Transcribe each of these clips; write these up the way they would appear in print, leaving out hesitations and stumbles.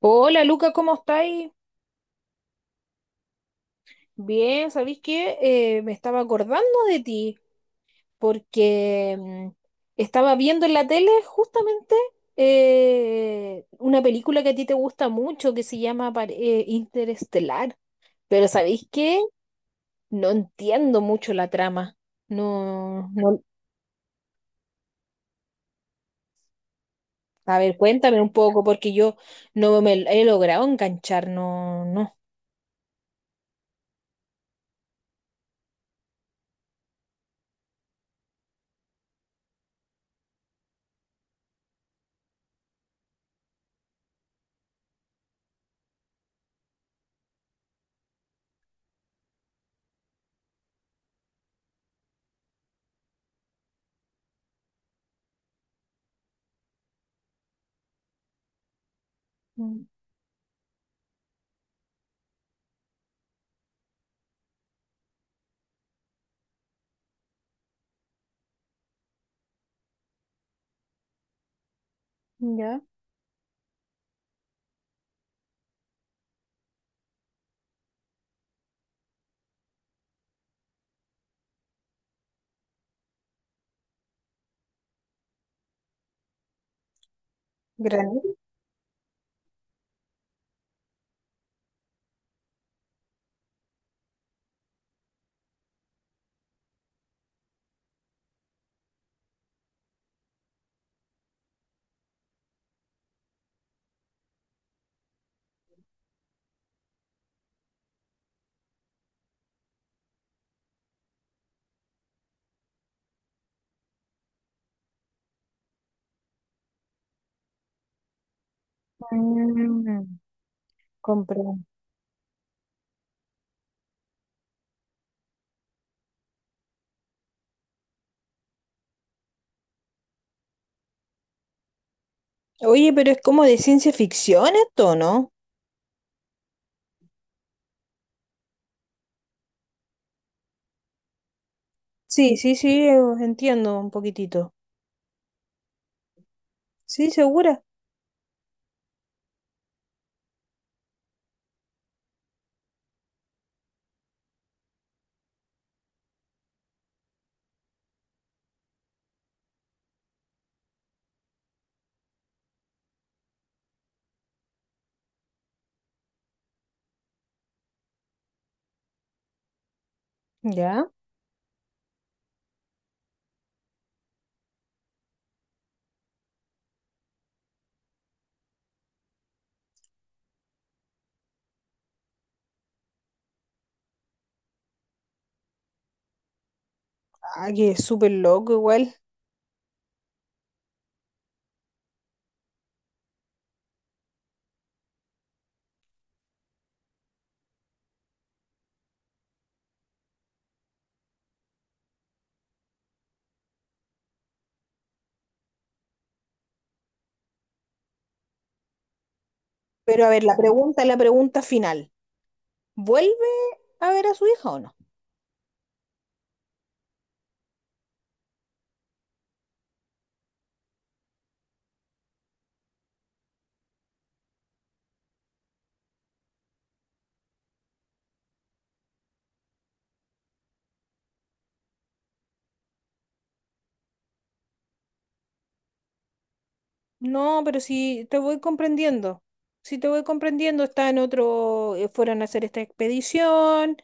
Hola Luca, ¿cómo estáis? Bien, ¿sabéis qué? Me estaba acordando de ti porque estaba viendo en la tele justamente una película que a ti te gusta mucho que se llama Interestelar, pero ¿sabéis qué? No entiendo mucho la trama. No, no, a ver, cuéntame un poco porque yo no me he logrado enganchar, no, no. Mm. Ya, granito. Mm, comprendo. Oye, pero es como de ciencia ficción esto, ¿no? Sí, sí, sí, entiendo un poquitito. Sí, segura. ¿Ya? Ah, que es súper loco igual. Pero a ver, la pregunta final. ¿Vuelve a ver a su hija o no? No, pero si te voy comprendiendo, si te voy comprendiendo, está en fueron a hacer esta expedición,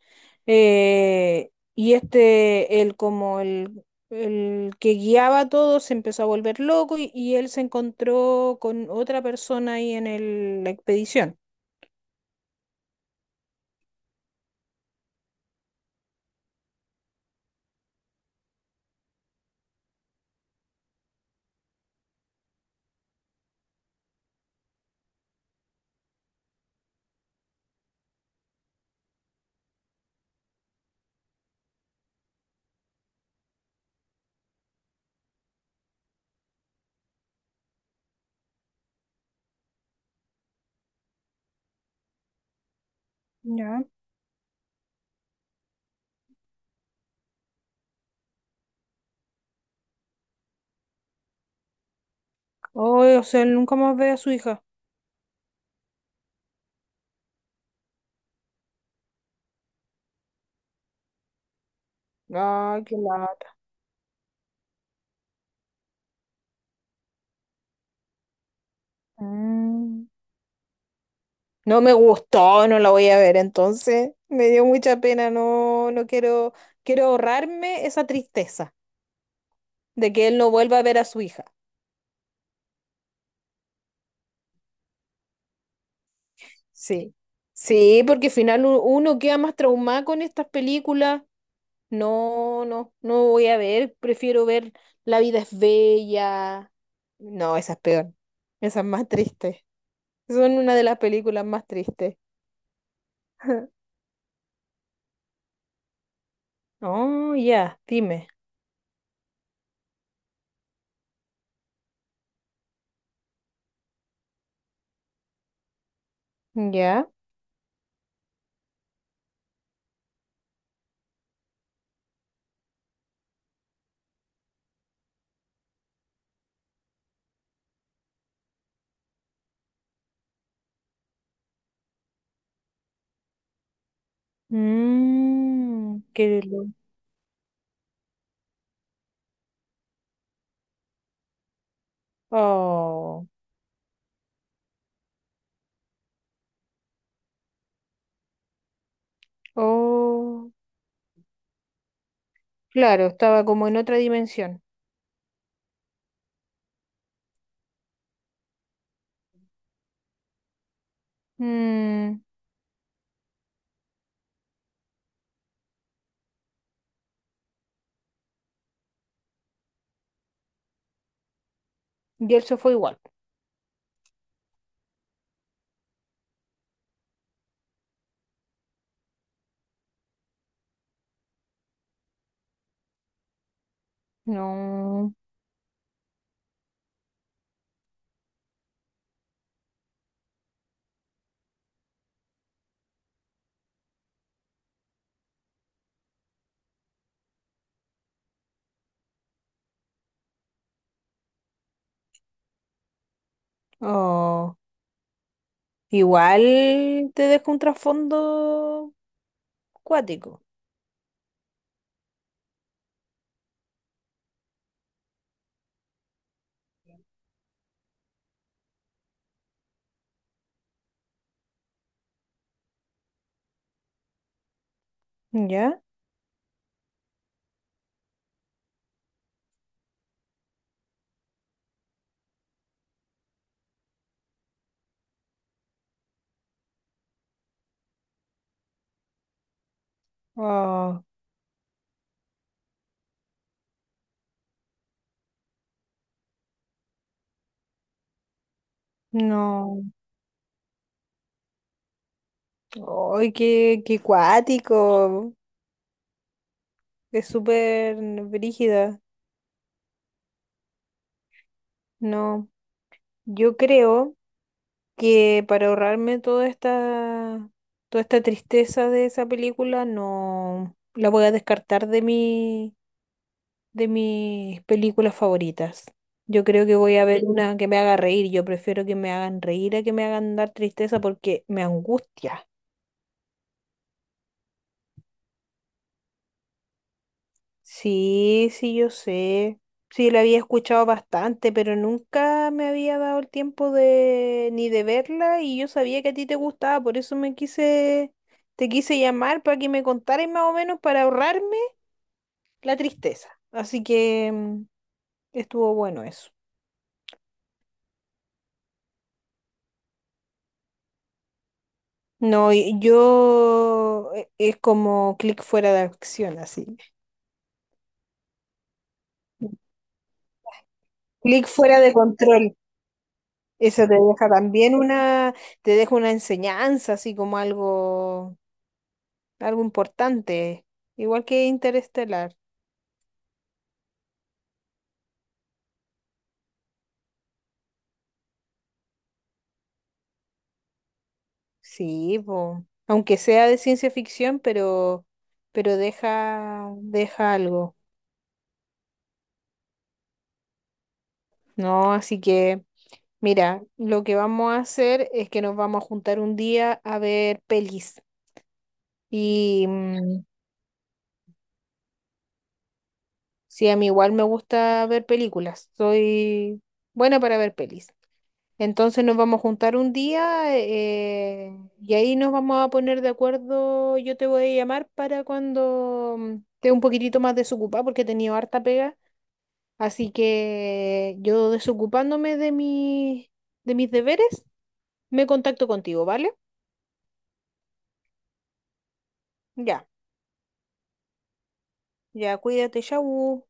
y el que guiaba a todos se empezó a volver loco y él se encontró con otra persona ahí en la expedición. Ya. Ay, o sea, él nunca más ve a su hija. Ay, qué lata. Mm. No me gustó, no la voy a ver entonces. Me dio mucha pena, no, no quiero, quiero ahorrarme esa tristeza de que él no vuelva a ver a su hija. Sí. Sí, porque al final uno queda más traumado con estas películas. No, no, no voy a ver, prefiero ver La vida es bella. No, esa es peor. Esa es más triste. Son una de las películas más tristes. Oh, ya, dime. Ya. Mmm, oh. Oh, claro, estaba como en otra dimensión. Mm, y el fue igual. No, oh, igual te dejo un trasfondo cuático. ¿Ya? Oh, no. Ay, qué, qué cuático. Es súper brígida. No, yo creo que para ahorrarme toda esta tristeza de esa película, no la voy a descartar de mi, de mis películas favoritas. Yo creo que voy a ver una que me haga reír. Yo prefiero que me hagan reír a que me hagan dar tristeza porque me angustia. Sí, sí, yo sé. Sí, la había escuchado bastante, pero nunca me había dado el tiempo de ni de verla y yo sabía que a ti te gustaba, por eso me quise, te quise llamar para que me contaras más o menos para ahorrarme la tristeza. Así que estuvo bueno eso. No, y yo es como clic fuera de acción, así. Clic fuera de control. Eso te deja también una, te deja una enseñanza, así como algo algo importante, igual que Interestelar. Sí, po. Aunque sea de ciencia ficción, pero deja, deja algo, ¿no? Así que, mira, lo que vamos a hacer es que nos vamos a juntar un día a ver pelis. Y mm, sí, a mí igual me gusta ver películas. Soy buena para ver pelis. Entonces nos vamos a juntar un día y ahí nos vamos a poner de acuerdo. Yo te voy a llamar para cuando esté un poquitito más desocupada porque he tenido harta pega. Así que yo desocupándome de mi, de mis deberes, me contacto contigo, ¿vale? Ya, ya, cuídate, chau.